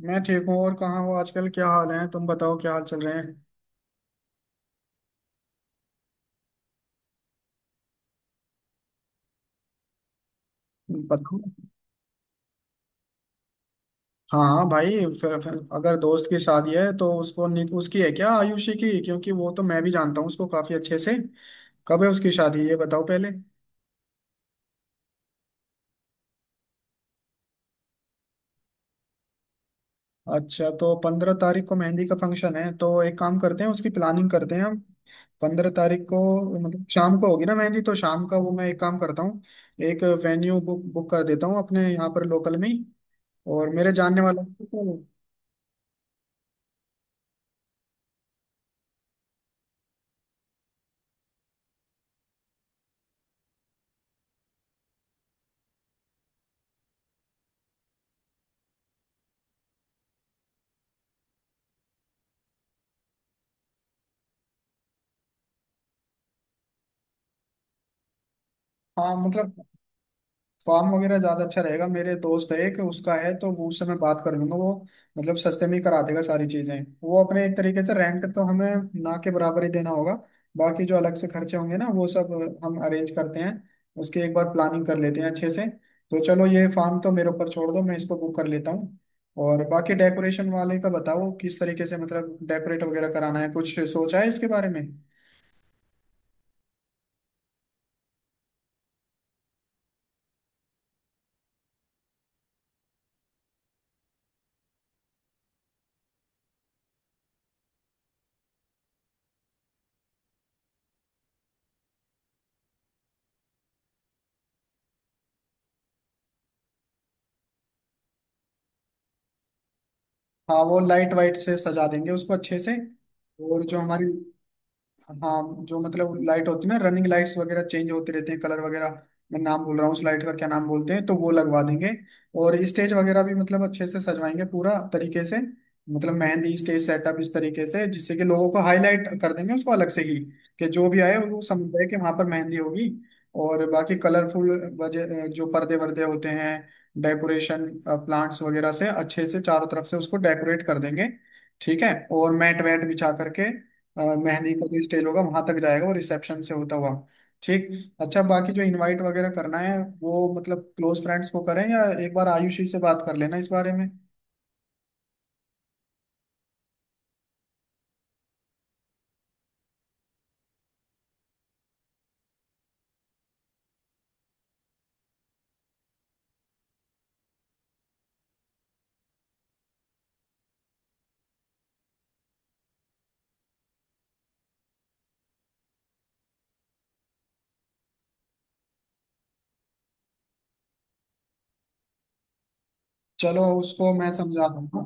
मैं ठीक हूँ। और कहाँ हो आजकल, क्या हाल है? तुम बताओ, क्या हाल चल रहे हैं? बताओ। हाँ हाँ भाई। फिर अगर दोस्त की शादी है तो उसको उसकी है क्या, आयुषी की? क्योंकि वो तो मैं भी जानता हूँ उसको, काफी अच्छे से। कब है उसकी शादी ये बताओ पहले। अच्छा तो 15 तारीख को मेहंदी का फंक्शन है, तो एक काम करते हैं, उसकी प्लानिंग करते हैं हम। 15 तारीख को मतलब शाम को होगी ना मेहंदी, तो शाम का वो मैं एक काम करता हूँ। एक वेन्यू बुक बुक कर देता हूँ अपने यहाँ पर लोकल में ही। और मेरे जानने वाला है तो- हाँ मतलब फार्म वगैरह ज्यादा अच्छा रहेगा। मेरे दोस्त है एक, उसका है, तो वो उससे मैं बात कर लूंगा। वो मतलब सस्ते में ही करा देगा सारी चीजें। वो अपने एक तरीके से, रेंट तो हमें ना के बराबर ही देना होगा। बाकी जो अलग से खर्चे होंगे ना, वो सब हम अरेंज करते हैं। उसकी एक बार प्लानिंग कर लेते हैं अच्छे से। तो चलो ये फार्म तो मेरे ऊपर छोड़ दो, मैं इसको बुक कर लेता हूँ। और बाकी डेकोरेशन वाले का बताओ, किस तरीके से मतलब डेकोरेट वगैरह कराना है? कुछ सोचा है इसके बारे में? हाँ वो लाइट वाइट से सजा देंगे उसको अच्छे से। और जो हमारी, हाँ जो मतलब लाइट होती है ना, रनिंग लाइट्स वगैरह, चेंज होते रहते हैं कलर वगैरह। मैं नाम भूल रहा हूँ उस लाइट का, क्या नाम बोलते हैं? तो वो लगवा देंगे। और स्टेज वगैरह भी मतलब अच्छे से सजवाएंगे पूरा तरीके से। मतलब मेहंदी स्टेज सेटअप इस तरीके से जिससे कि लोगों को हाईलाइट कर देंगे उसको अलग से ही, कि जो भी आए वो समझ जाए कि वहां पर मेहंदी होगी। और बाकी कलरफुल वजह जो पर्दे वर्दे होते हैं, डेकोरेशन प्लांट्स वगैरह से अच्छे से चारों तरफ से उसको डेकोरेट कर देंगे। ठीक है और मैट वैट बिछा करके मेहंदी का जो स्टेज होगा वहां तक जाएगा, और रिसेप्शन से होता हुआ। ठीक। अच्छा बाकी जो इनवाइट वगैरह करना है वो, मतलब क्लोज फ्रेंड्स को करें या एक बार आयुषी से बात कर लेना इस बारे में। चलो उसको मैं समझा दूंगा।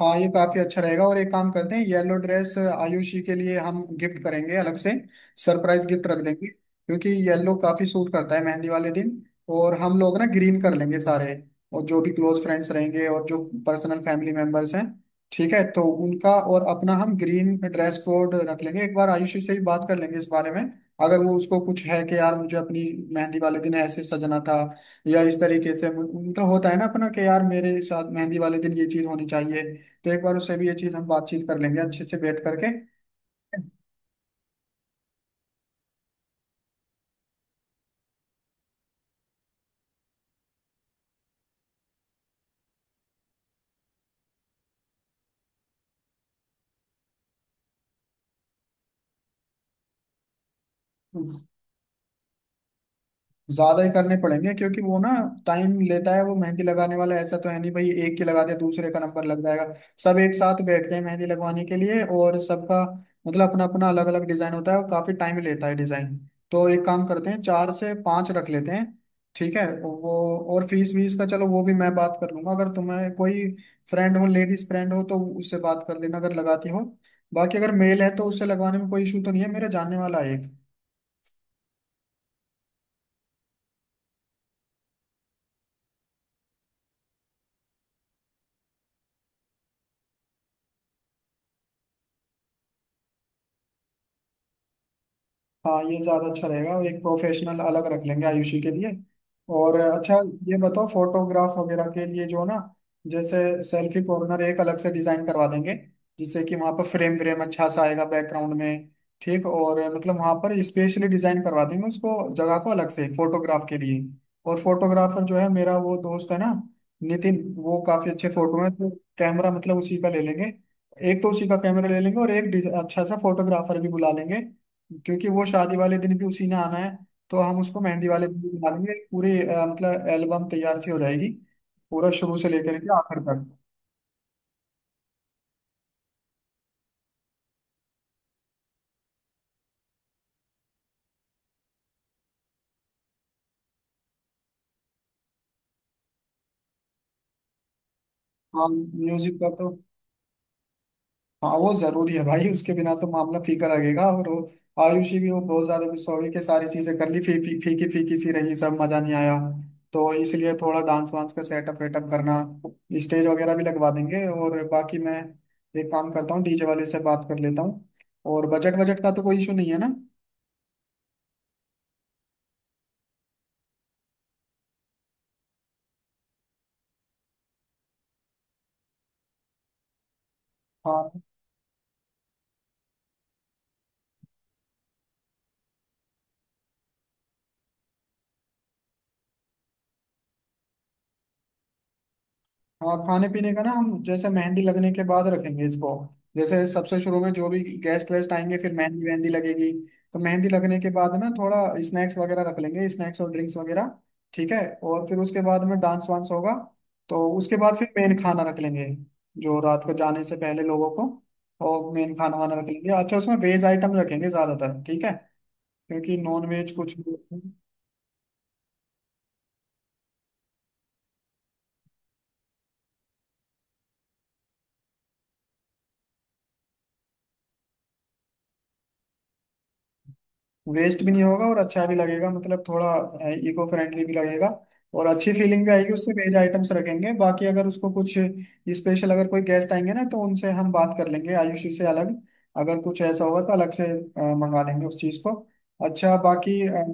हाँ ये काफी अच्छा रहेगा, और एक काम करते हैं येलो ड्रेस आयुषी के लिए हम गिफ्ट करेंगे अलग से। सरप्राइज गिफ्ट रख देंगे, क्योंकि येलो काफी सूट करता है मेहंदी वाले दिन। और हम लोग ना ग्रीन कर लेंगे सारे। और जो भी क्लोज फ्रेंड्स रहेंगे, और जो पर्सनल फैमिली मेंबर्स हैं, ठीक है, तो उनका और अपना हम ग्रीन ड्रेस कोड रख लेंगे। एक बार आयुषी से भी बात कर लेंगे इस बारे में। अगर वो, उसको कुछ है कि यार मुझे अपनी मेहंदी वाले दिन ऐसे सजना था, या इस तरीके से, मतलब होता है ना अपना कि यार मेरे साथ मेहंदी वाले दिन ये चीज होनी चाहिए। तो एक बार उससे भी ये चीज हम बातचीत कर लेंगे अच्छे से बैठ करके। ज्यादा ही करने पड़ेंगे क्योंकि वो ना टाइम लेता है। वो मेहंदी लगाने वाला ऐसा तो है नहीं भाई, एक की लगा दिया दूसरे का नंबर लग जाएगा। सब एक साथ बैठते हैं मेहंदी लगवाने के लिए, और सबका मतलब अपना अपना अलग अलग डिजाइन होता है, और काफी टाइम लेता है डिजाइन। तो एक काम करते हैं 4 से 5 रख लेते हैं, ठीक है वो। और फीस वीस का चलो वो भी मैं बात कर लूंगा। अगर तुम्हें कोई फ्रेंड हो, लेडीज फ्रेंड हो, तो उससे बात कर लेना अगर लगाती हो। बाकी अगर मेल है तो उससे लगवाने में कोई इशू तो नहीं है, मेरा जानने वाला है एक। हाँ ये ज्यादा अच्छा रहेगा, एक प्रोफेशनल अलग रख लेंगे आयुषी के लिए। और अच्छा ये बताओ फोटोग्राफ वगैरह के लिए जो ना, जैसे सेल्फी कॉर्नर एक अलग से डिजाइन करवा देंगे, जिससे कि वहाँ पर फ्रेम व्रेम अच्छा सा आएगा बैकग्राउंड में। ठीक, और मतलब वहाँ पर स्पेशली डिजाइन करवा देंगे उसको, जगह को अलग से फोटोग्राफ के लिए। और फोटोग्राफर जो है मेरा वो दोस्त है ना, नितिन, वो काफी अच्छे फोटो हैं तो कैमरा मतलब उसी का ले लेंगे। एक तो उसी का कैमरा ले लेंगे, और एक अच्छा सा फोटोग्राफर भी बुला लेंगे, क्योंकि वो शादी वाले दिन भी उसी ने आना है। तो हम उसको मेहंदी वाले दिन भी बना देंगे, एक पूरी मतलब एल्बम तैयार सी हो जाएगी पूरा शुरू से लेकर के आखिर तक। हाँ म्यूजिक का तो, हाँ वो जरूरी है भाई, उसके बिना तो मामला फीका लगेगा। और वो आयुषी भी वो बहुत ज्यादा गुस्सा हो गई कि सारी चीजें कर ली, फी, फी, फीकी फीकी सी रही, सब मजा नहीं आया। तो इसलिए थोड़ा डांस वांस का सेटअप वेटअप करना, स्टेज वगैरह भी लगवा देंगे। और बाकी मैं एक काम करता हूँ, डीजे वाले से बात कर लेता हूँ। और बजट बजट का तो कोई इशू नहीं है ना? हाँ हाँ। खाने पीने का ना हम जैसे मेहंदी लगने के बाद रखेंगे इसको। जैसे सबसे शुरू में जो भी गेस्ट वेस्ट आएंगे फिर मेहंदी वेहंदी लगेगी। तो मेहंदी लगने के बाद ना थोड़ा स्नैक्स वगैरह रख लेंगे, स्नैक्स और ड्रिंक्स वगैरह, ठीक है। और फिर उसके बाद में डांस वांस होगा। तो उसके बाद फिर मेन खाना रख लेंगे, जो रात को जाने से पहले लोगों को। और मेन खाना वाना रख लेंगे अच्छा, उसमें वेज आइटम रखेंगे ज़्यादातर, ठीक है? क्योंकि नॉन वेज कुछ, वेस्ट भी नहीं होगा और अच्छा भी लगेगा। मतलब थोड़ा इको फ्रेंडली भी लगेगा, और अच्छी फीलिंग भी आएगी उसमें वेज आइटम्स रखेंगे। बाकी अगर उसको कुछ स्पेशल, अगर कोई गेस्ट आएंगे ना तो उनसे हम बात कर लेंगे, आयुषी से अलग। अगर कुछ ऐसा होगा तो अलग से मंगा लेंगे उस चीज़ को। अच्छा बाकी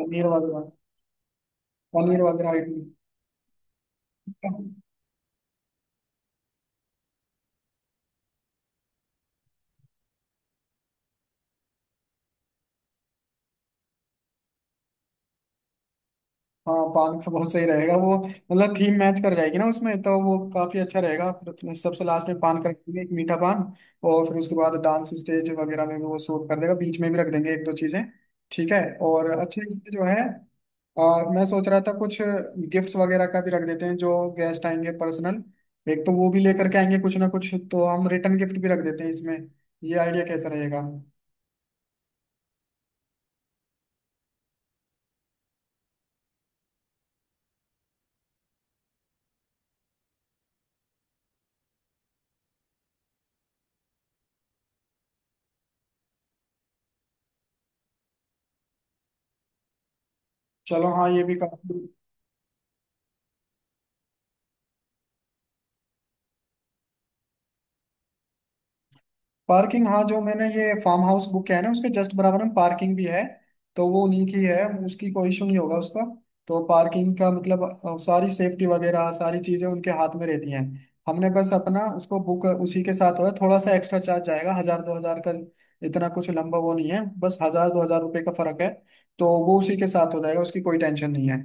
पनीर वगैरह, पनीर वगैरह आइटम। हाँ पान का बहुत सही रहेगा, वो मतलब थीम मैच कर जाएगी ना उसमें, तो वो काफी अच्छा रहेगा। फिर अपने सबसे लास्ट में पान करेंगे एक मीठा पान। और फिर उसके बाद डांस स्टेज वगैरह में भी वो शूट कर देगा, बीच में भी रख देंगे 1 दो चीजें, ठीक है? और अच्छे इसमें जो है, और मैं सोच रहा था कुछ गिफ्ट्स वगैरह का भी रख देते हैं, जो गेस्ट आएंगे पर्सनल, एक तो वो भी लेकर के आएंगे कुछ ना कुछ, तो हम रिटर्न गिफ्ट भी रख देते हैं इसमें। ये आइडिया कैसा रहेगा? चलो हाँ ये भी काफी, पार्किंग, हाँ जो मैंने ये फार्म हाउस बुक किया है ना उसके जस्ट बराबर में पार्किंग भी है। तो वो उन्हीं की है, उसकी कोई इशू नहीं होगा उसका। तो पार्किंग का मतलब सारी सेफ्टी वगैरह सारी चीजें उनके हाथ में रहती हैं। हमने बस अपना उसको बुक उसी के साथ होगा, थोड़ा सा एक्स्ट्रा चार्ज जाएगा, 1000 दो हजार का। इतना कुछ लंबा वो नहीं है, बस 1000 दो हजार रुपये का फर्क है। तो वो उसी के साथ हो जाएगा, उसकी कोई टेंशन नहीं है।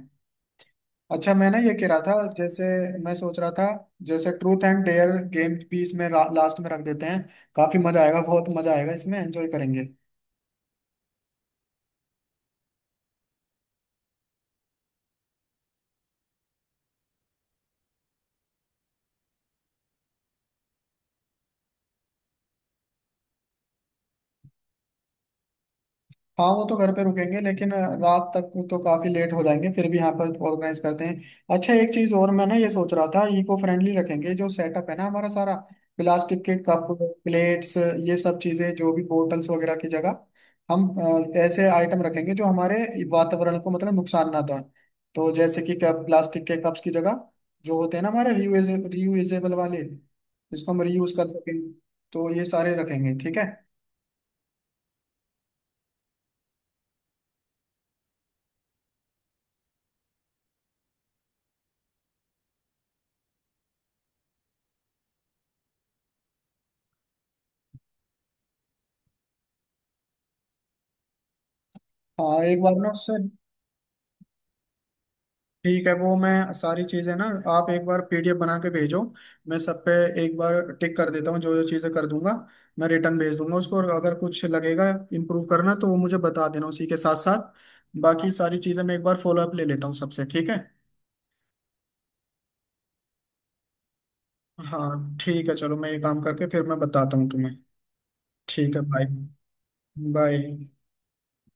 अच्छा मैंने ये कह रहा था जैसे, मैं सोच रहा था जैसे ट्रूथ एंड डेयर गेम भी इसमें लास्ट में रख देते हैं। काफी मजा आएगा, बहुत मजा आएगा इसमें, एंजॉय करेंगे। हाँ वो तो घर पे रुकेंगे, लेकिन रात तक तो काफी लेट हो जाएंगे फिर भी यहाँ पर ऑर्गेनाइज करते हैं। अच्छा एक चीज और मैं ना ये सोच रहा था, इको फ्रेंडली रखेंगे जो सेटअप है ना हमारा सारा। प्लास्टिक के कप, प्लेट्स, ये सब चीजें, जो भी बोटल्स वगैरह की जगह हम ऐसे आइटम रखेंगे जो हमारे वातावरण को मतलब नुकसान ना था। तो जैसे कि कप, प्लास्टिक के कप्स की जगह, जो होते हैं ना हमारे रियूज, रियूजेबल वाले, जिसको हम रीयूज कर सकें, तो ये सारे रखेंगे ठीक है। हाँ एक बार ना उससे, ठीक है वो मैं सारी चीजें ना, आप एक बार पीडीएफ बना के भेजो, मैं सब पे एक बार टिक कर देता हूँ, जो जो चीजें कर दूंगा मैं रिटर्न भेज दूंगा उसको। और अगर कुछ लगेगा इम्प्रूव करना तो वो मुझे बता देना उसी के साथ साथ। बाकी सारी चीजें मैं एक बार फॉलो अप ले लेता हूँ सबसे, ठीक है। हाँ ठीक है, चलो मैं ये काम करके फिर मैं बताता हूँ तुम्हें। ठीक है बाय। बाय।